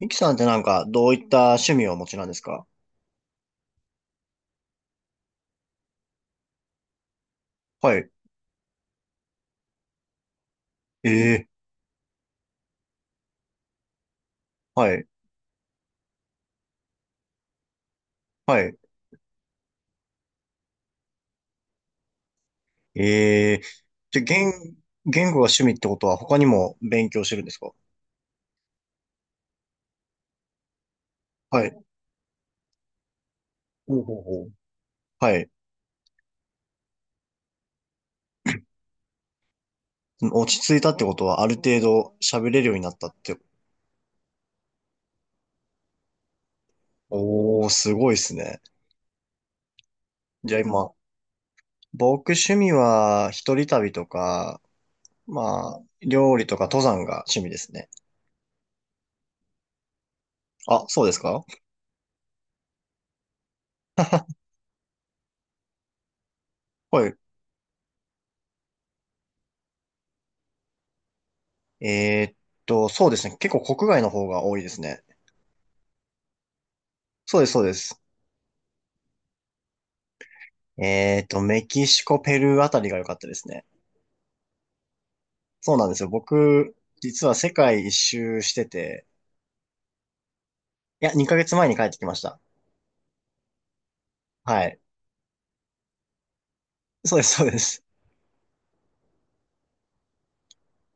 ミキさんってなんか、どういった趣味をお持ちなんですか？はい。ええ、はい、はい。ええ、じゃ、言語が趣味ってことは他にも勉強してるんですか？はい。ほうほうほう。はい。落ち着いたってことはある程度喋れるようになったって。おー、すごいですね。じゃあ今、僕趣味は一人旅とか、まあ、料理とか登山が趣味ですね。あ、そうですか？ はい。えーっそうですね。結構国外の方が多いですね。そうです、そうです。メキシコ、ペルーあたりが良かったですね。そうなんですよ。僕、実は世界一周してて、いや、2ヶ月前に帰ってきました。はい。そうです、そうです。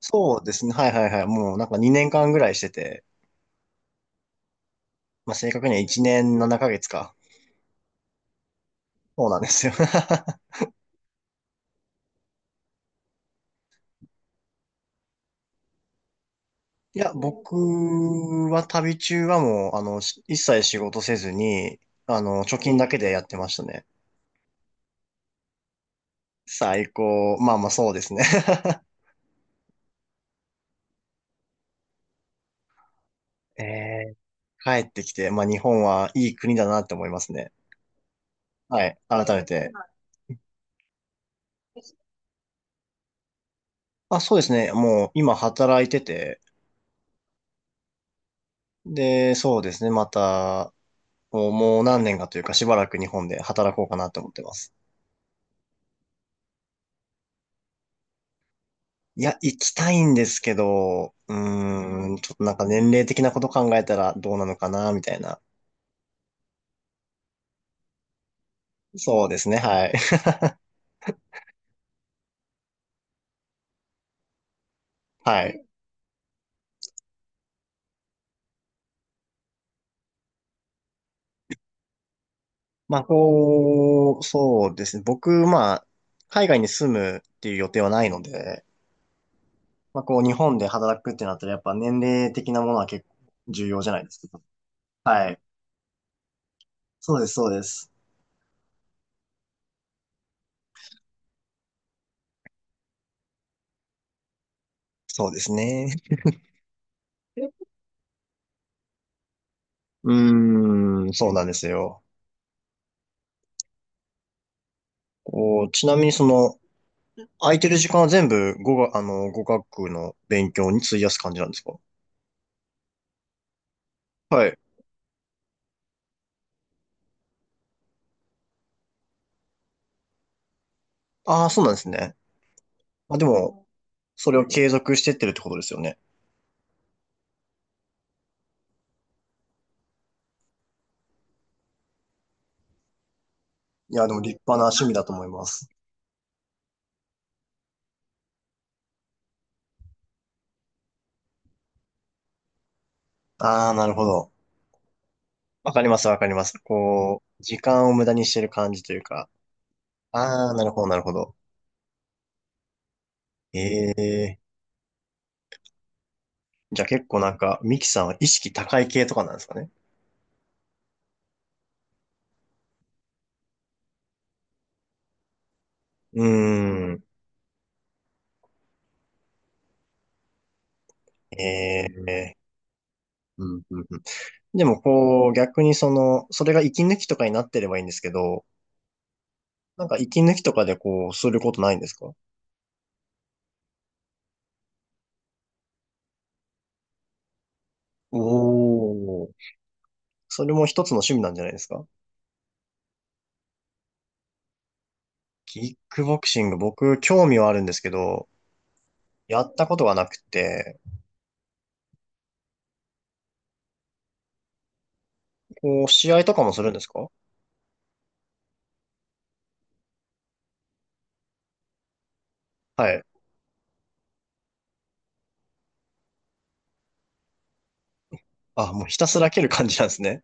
そうですね。はいはいはい。もうなんか2年間ぐらいしてて、まあ、正確には1年7ヶ月かげつか。そうなんですよ。いや、僕は旅中はもう、し一切仕事せずに、貯金だけでやってましたね。最高。まあまあそうですね。え帰ってきて、まあ日本はいい国だなって思いますね。はい。改めて。あ、そうですね。もう今働いてて、で、そうですね。また、もう何年かというかしばらく日本で働こうかなって思ってます。いや、行きたいんですけど、うーん、ちょっとなんか年齢的なこと考えたらどうなのかな、みたいな。そうですね。はい。はい。まあ、こう、そうですね。僕、まあ、海外に住むっていう予定はないので、まあ、こう、日本で働くってなったら、やっぱ年齢的なものは結構重要じゃないですか。はい。そうです、そうです。そうですね。うーん、そうなんですよ。こう、ちなみにその、空いてる時間は全部語学、語学の勉強に費やす感じなんですか？はい。ああ、そうなんですね。まあ、でも、それを継続してってるってことですよね。いや、でも立派な趣味だと思います。ああ、なるほど。わかります、わかります。こう、時間を無駄にしてる感じというか。ああ、なるほど、なるほど。ええ、じゃあ結構なんか、ミキさんは意識高い系とかなんですかね。うーん。ええ、うんうんうん。でもこう、逆にその、それが息抜きとかになってればいいんですけど、なんか息抜きとかでこう、することないんですか？おおー。それも一つの趣味なんじゃないですか？キックボクシング、僕、興味はあるんですけど、やったことがなくて、こう、試合とかもするんですか？はい。あ、もうひたすら蹴る感じなんですね。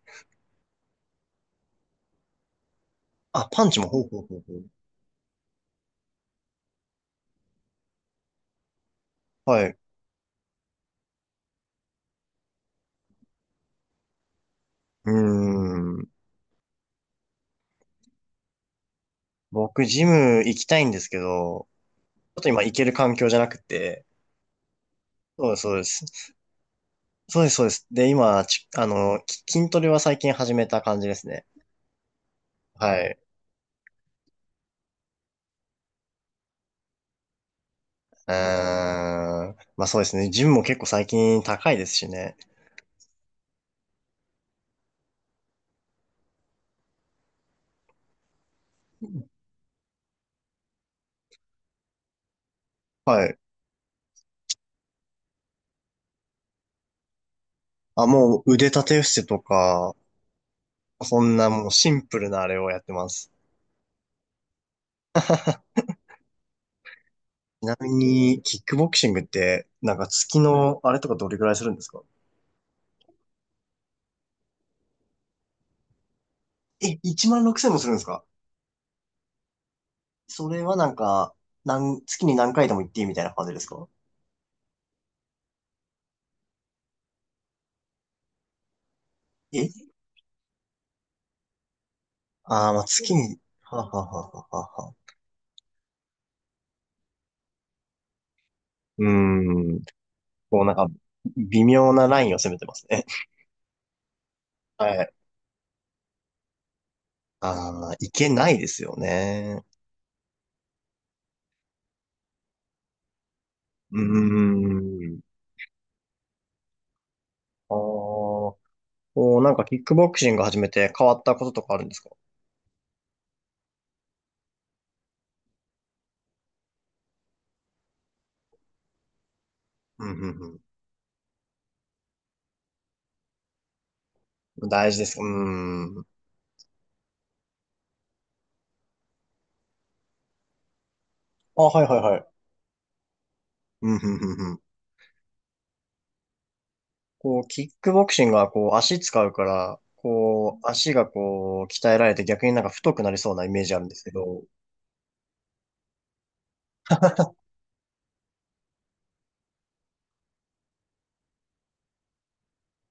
あ、パンチも、ほうほうほうほう。はい。うーん。僕、ジム行きたいんですけど、ちょっと今行ける環境じゃなくて、そうです、そうです。そうです、そうです。で、今、ちあの、き筋トレは最近始めた感じですね。はい。うーん。まあそうですね。ジムも結構最近高いですしね。はい。あ、もう腕立て伏せとか、そんなもうシンプルなあれをやってます。ちなみに、キックボクシングって、なんか月のあれとかどれぐらいするんですか？え、16,000もするんですか？それはなんか、月に何回でも行っていいみたいな感じですか？え、ああー、まあ月に、はあはあはあはあはあ。うーん。こうなんか、微妙なラインを攻めてますね。はい。ああ、いけないですよね。うーん。ああ、こうなんかキックボクシング始めて変わったこととかあるんですか？うん、うん、うん。大事ですか？うーん。あ、はいはいはい。うん、うん、うん、うん。こう、キックボクシングはこう、足使うから、こう、足がこう、鍛えられて逆になんか太くなりそうなイメージあるんですけど、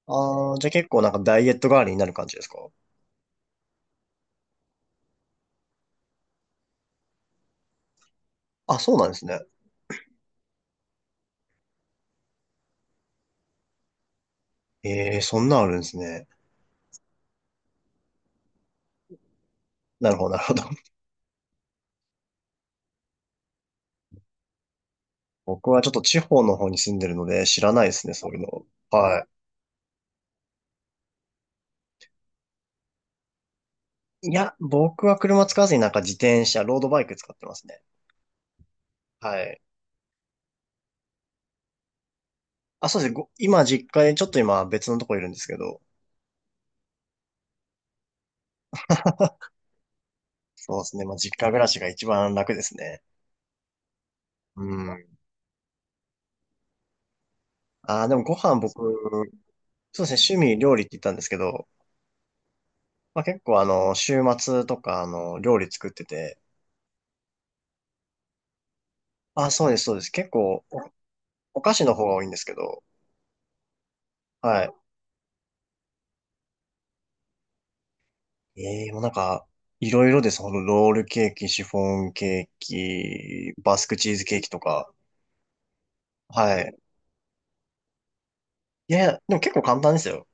ああ、じゃあ結構なんかダイエット代わりになる感じですか？あ、そうなんですね。ええ、そんなんあるんですね。なるほど、なるほど。僕はちょっと地方の方に住んでるので知らないですね、そういうの。はい。いや、僕は車使わずになんか自転車、ロードバイク使ってますね。はい。あ、そうですね。今、実家に、ちょっと今別のとこいるんですけど。そうですね。まあ、実家暮らしが一番楽ですね。うん。ああ、でもご飯僕、そうですね、趣味料理って言ったんですけど、まあ、結構週末とか料理作ってて、ああ、そうです、そうです。結構お菓子の方が多いんですけど、はい。ええ、もうなんか、いろいろです。このロールケーキ、シフォンケーキ、バスクチーズケーキとか。はい。いやいや、でも結構簡単ですよ。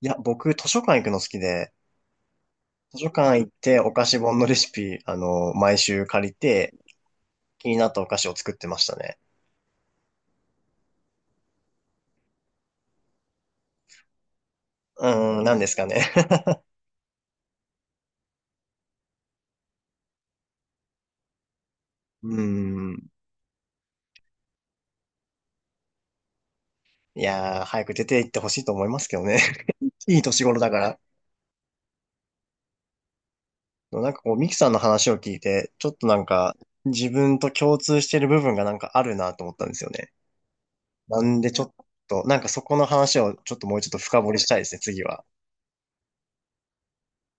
いや、僕、図書館行くの好きで、図書館行ってお菓子本のレシピ、毎週借りて、気になったお菓子を作ってましたね。うーん、なんですかね。うん。いやー、早く出て行ってほしいと思いますけどね。いい年頃だから。でもなんかこう、ミキさんの話を聞いて、ちょっとなんか、自分と共通してる部分がなんかあるなと思ったんですよね。なんでちょっと、なんかそこの話をちょっともうちょっと深掘りしたいですね、次は。